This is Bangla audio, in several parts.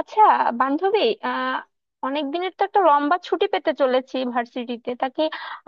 আচ্ছা বান্ধবী, আহ অনেক দিনের তো একটা লম্বা ছুটি পেতে চলেছি ভার্সিটিতে। তা কি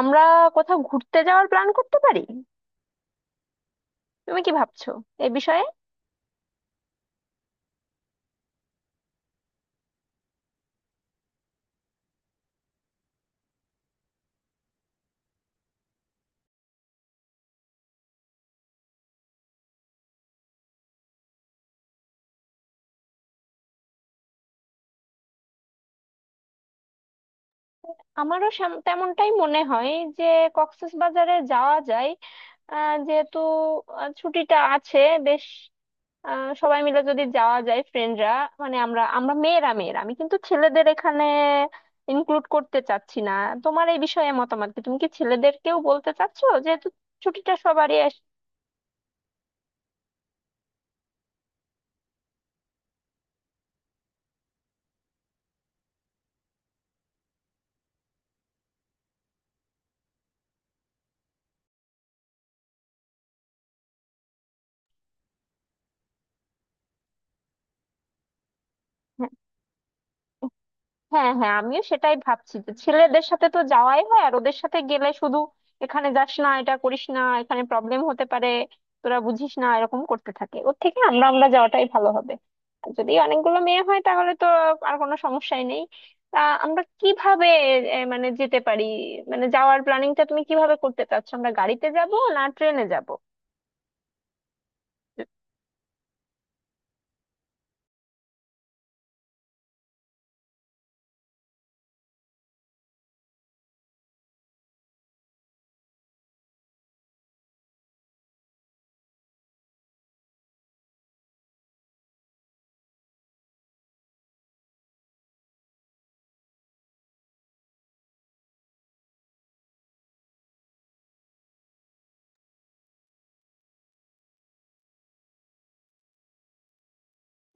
আমরা কোথাও ঘুরতে যাওয়ার প্ল্যান করতে পারি? তুমি কি ভাবছো এ বিষয়ে? আমারও তেমনটাই মনে হয় যে কক্সবাজারে যাওয়া যায়। যেহেতু ছুটিটা আছে, বেশ সবাই মিলে যদি যাওয়া যায় ফ্রেন্ডরা। মানে আমরা আমরা মেয়েরা মেয়েরা আমি কিন্তু ছেলেদের এখানে ইনক্লুড করতে চাচ্ছি না। তোমার এই বিষয়ে মতামত কি? তুমি কি ছেলেদেরকেও বলতে চাচ্ছো, যেহেতু ছুটিটা সবারই? হ্যাঁ, হ্যাঁ, হ্যাঁ, আমিও সেটাই ভাবছি যে ছেলেদের সাথে তো যাওয়াই হয়, আর ওদের সাথে গেলে শুধু এখানে যাস না, এটা করিস না, এখানে প্রবলেম হতে পারে, তোরা বুঝিস না, এরকম করতে থাকে। ওর থেকে আমরা আমরা যাওয়াটাই ভালো হবে। আর যদি অনেকগুলো মেয়ে হয় তাহলে তো আর কোনো সমস্যাই নেই। তা আমরা কিভাবে মানে যেতে পারি, মানে যাওয়ার প্ল্যানিংটা তুমি কিভাবে করতে চাচ্ছ? আমরা গাড়িতে যাব না ট্রেনে যাব?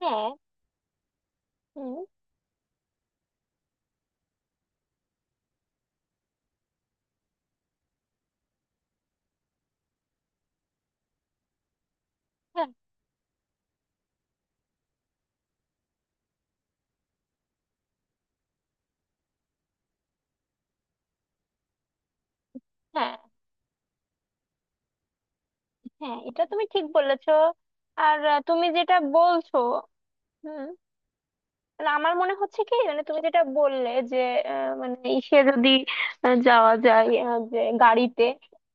হ্যাঁ। হুম। হ্যাঁ, হ্যাঁ, হ্যাঁ, এটা তুমি ঠিক বলেছো। আর তুমি যেটা বলছো, মানে আমার মনে হচ্ছে কি, মানে তুমি যেটা বললে যে মানে যদি যাওয়া যায় যে গাড়িতে,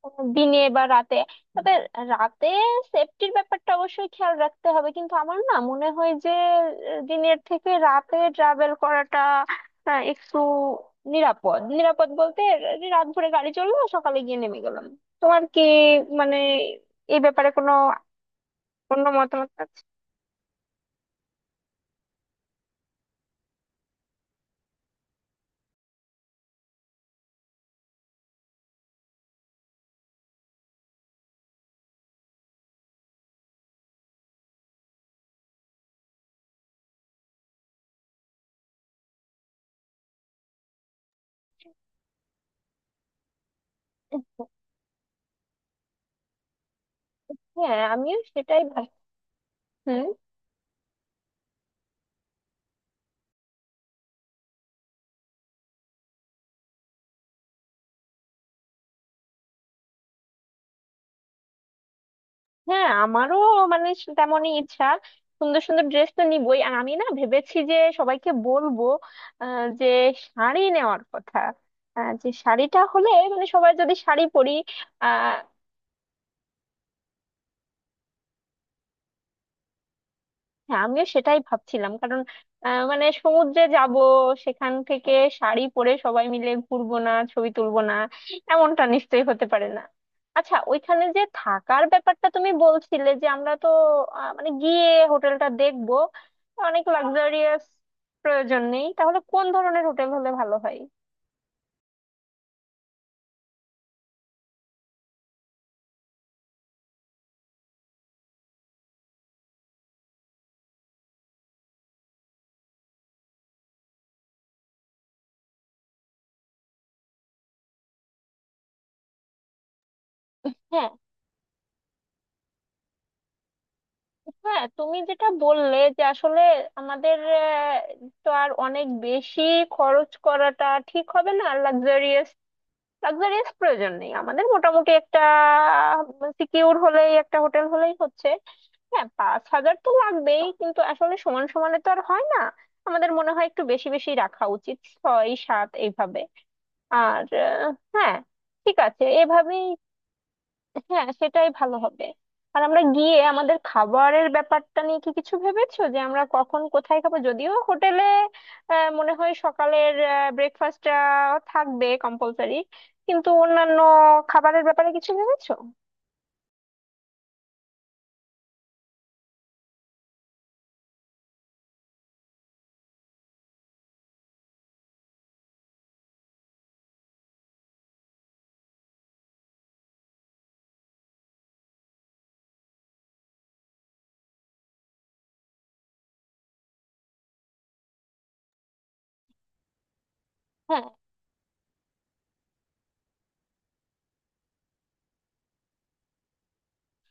দিনে বা রাতে, তবে রাতে সেফটির ব্যাপারটা অবশ্যই খেয়াল রাখতে হবে। কিন্তু আমার না মনে হয় যে দিনের থেকে রাতে ট্রাভেল করাটা একটু নিরাপদ। নিরাপদ বলতে, যে রাত ভোরে গাড়ি চললো, সকালে গিয়ে নেমে গেলাম। তোমার কি মানে এই ব্যাপারে কোনো অন্য মতামত আছে? হ্যাঁ, আমিও সেটাই ভাবছি। হ্যাঁ, আমারও মানে তেমনই ইচ্ছা। সুন্দর সুন্দর ড্রেস তো নিবই, আর আমি না ভেবেছি যে সবাইকে বলবো যে শাড়ি নেওয়ার কথা, যে শাড়িটা হলে, মানে সবাই যদি শাড়ি পরি। হ্যাঁ, আমিও সেটাই ভাবছিলাম, কারণ মানে সমুদ্রে যাব, সেখান থেকে শাড়ি পরে সবাই মিলে ঘুরবো না, ছবি তুলবো না, এমনটা নিশ্চয়ই হতে পারে না। আচ্ছা, ওইখানে যে থাকার ব্যাপারটা তুমি বলছিলে যে আমরা তো মানে গিয়ে হোটেলটা দেখবো, অনেক লাক্সারিয়াস প্রয়োজন নেই, তাহলে কোন ধরনের হোটেল হলে ভালো হয়? হ্যাঁ, হ্যাঁ, তুমি যেটা বললে যে আসলে আমাদের তো আর অনেক বেশি খরচ করাটা ঠিক হবে না, লাক্সারিয়াস। লাক্সারিয়াস প্রয়োজন নেই, আমাদের মোটামুটি একটা সিকিউর হলেই, একটা হোটেল হলেই হচ্ছে। হ্যাঁ, 5,000 তো লাগবেই, কিন্তু আসলে সমান সমানে তো আর হয় না। আমাদের মনে হয় একটু বেশি বেশি রাখা উচিত, ছয় সাত এইভাবে। আর হ্যাঁ। ঠিক আছে, এভাবেই। হ্যাঁ, সেটাই ভালো হবে। আর আমরা গিয়ে আমাদের খাবারের ব্যাপারটা নিয়ে কি কিছু ভেবেছো যে আমরা কখন কোথায় খাবো? যদিও হোটেলে মনে হয় সকালের ব্রেকফাস্টটা থাকবে কম্পালসারি, কিন্তু অন্যান্য খাবারের ব্যাপারে কিছু ভেবেছো?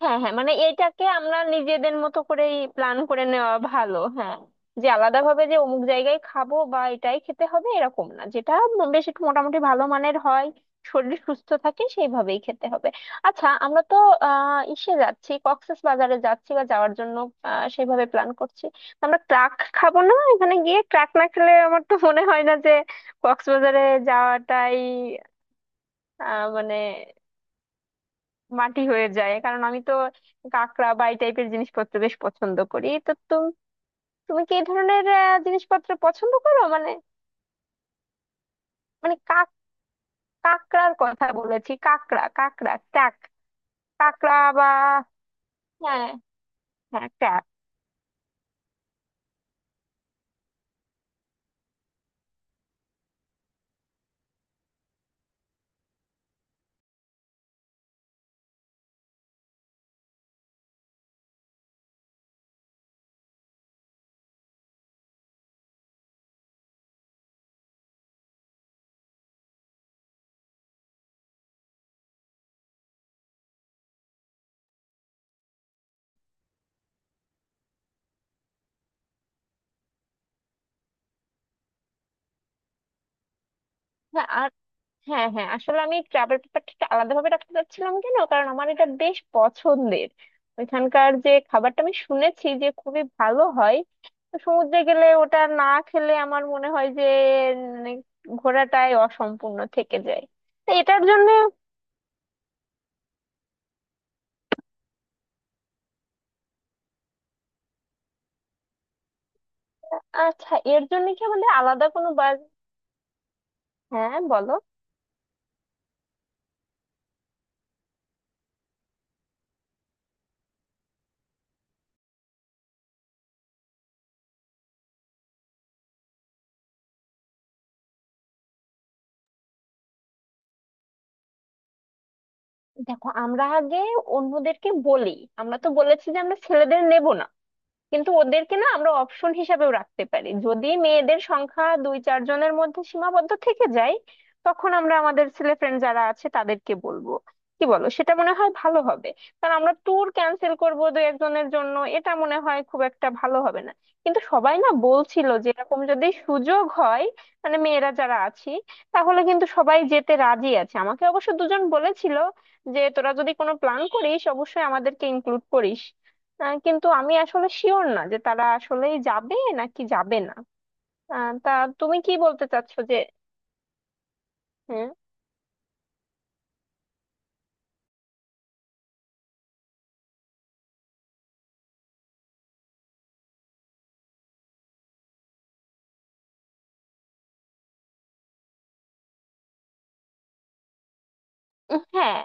হ্যাঁ, হ্যাঁ, মানে এটাকে আমরা নিজেদের মতো করেই প্ল্যান করে নেওয়া ভালো। হ্যাঁ, যে আলাদা ভাবে যে অমুক জায়গায় খাবো বা এটাই খেতে হবে এরকম না, যেটা বেশ একটু মোটামুটি ভালো মানের হয়, শরীর সুস্থ থাকে সেইভাবেই খেতে হবে। আচ্ছা, আমরা তো যাচ্ছি, কক্সেস বাজারে যাচ্ছি বা যাওয়ার জন্য সেইভাবে প্ল্যান করছি। তো আমরা ট্রাক খাবো না? এখানে গিয়ে ট্রাক না খেলে আমার তো মনে হয় না যে কক্সবাজারে যাওয়াটাই মানে মাটি হয়ে যায়। কারণ আমি তো কাঁকড়া বা এই টাইপের জিনিসপত্র বেশ পছন্দ করি। তো তুমি তুমি কি এই ধরনের জিনিসপত্র পছন্দ করো মানে? মানে কাঁকড়ার কথা বলেছি, কাঁকড়া, কাঁকড়া, ট্যাক, কাঁকড়া বা হ্যাঁ, হ্যাঁ, ট্যাক। হ্যাঁ, হ্যাঁ, আসলে আমি ট্রাভেল ব্যাপারটা একটু আলাদাভাবে রাখতে চাচ্ছিলাম। কেন? কারণ আমার এটা বেশ পছন্দের। ওইখানকার যে খাবারটা আমি শুনেছি যে খুবই ভালো হয়, তো সমুদ্রে গেলে ওটা না খেলে আমার মনে হয় যে মানে ঘোরাটাই অসম্পূর্ণ থেকে যায়। তো এটার জন্য আচ্ছা, এর জন্য কি আমাদের আলাদা কোনো বাস? হ্যাঁ, বলো। দেখো, আমরা আগে অন্যদেরকে বলি। আমরা তো বলেছি যে আমরা ছেলেদের নেব না, কিন্তু ওদেরকে না আমরা অপশন হিসাবেও রাখতে পারি। যদি মেয়েদের সংখ্যা দুই চার জনের মধ্যে সীমাবদ্ধ থেকে যায়, তখন আমরা আমাদের ছেলে ফ্রেন্ড যারা আছে তাদেরকে বলবো। কি বলো, সেটা মনে হয় ভালো হবে? কারণ আমরা ট্যুর ক্যান্সেল করব দুই একজনের জন্য, এটা মনে হয় খুব একটা ভালো হবে না। কিন্তু সবাই না বলছিল যে এরকম যদি সুযোগ হয়, মানে মেয়েরা যারা আছি, তাহলে কিন্তু সবাই যেতে রাজি আছে। আমাকে অবশ্য দুজন বলেছিল যে তোরা যদি কোনো প্ল্যান করিস অবশ্যই আমাদেরকে ইনক্লুড করিস। কিন্তু আমি আসলে শিওর না যে তারা আসলেই যাবে নাকি যাবে না। তা তুমি কি বলতে চাচ্ছো যে হ্যাঁ। হ্যাঁ,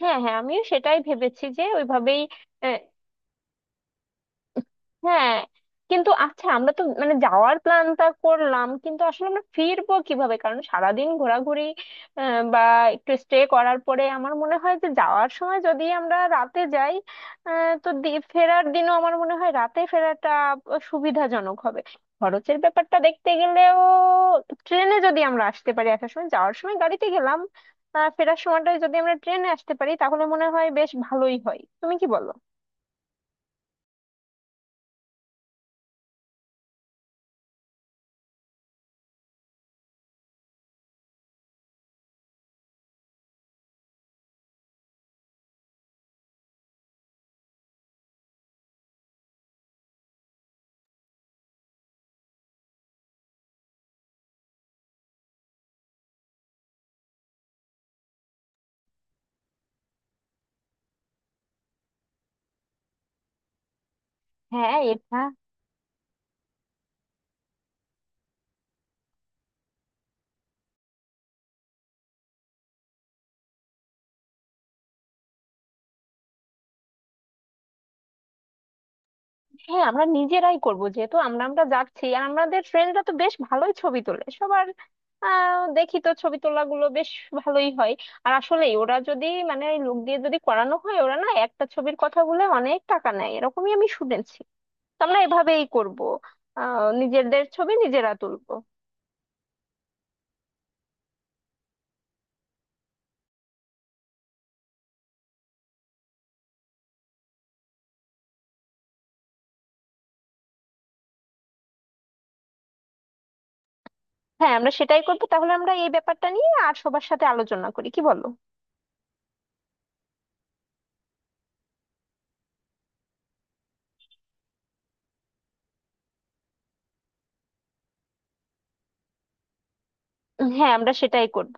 হ্যাঁ, হ্যাঁ, আমিও সেটাই ভেবেছি যে ওইভাবেই। হ্যাঁ, কিন্তু আচ্ছা, আমরা তো মানে যাওয়ার প্ল্যানটা করলাম, কিন্তু আসলে আমরা ফিরবো কিভাবে? কারণ সারাদিন ঘোরাঘুরি বা একটু স্টে করার পরে আমার মনে হয় যে যাওয়ার সময় যদি আমরা রাতে যাই, তো ফেরার দিনও আমার মনে হয় রাতে ফেরাটা সুবিধাজনক হবে। খরচের ব্যাপারটা দেখতে গেলেও, ট্রেনে যদি আমরা আসতে পারি, আসার সময়, যাওয়ার সময় গাড়িতে গেলাম, ফেরার সময়টা যদি আমরা ট্রেনে আসতে পারি, তাহলে মনে হয় বেশ ভালোই হয়। তুমি কি বলো? হ্যাঁ, এটা হ্যাঁ, আমরা নিজেরাই করব। যেহেতু আমরা আমরা যাচ্ছি, আর আমাদের ফ্রেন্ডরা তো বেশ ভালোই ছবি তোলে সবার। দেখি তো ছবি তোলাগুলো বেশ ভালোই হয়। আর আসলে ওরা যদি মানে ওই লোক দিয়ে যদি করানো হয়, ওরা না একটা ছবির কথা বলে অনেক টাকা নেয়, এরকমই আমি শুনেছি। তো আমরা এভাবেই করব, নিজেদের ছবি নিজেরা তুলবো। হ্যাঁ, আমরা সেটাই করবো। তাহলে আমরা এই ব্যাপারটা নিয়ে আর সবার সাথে আলোচনা করি, কি বলো? হ্যাঁ, আমরা সেটাই করব।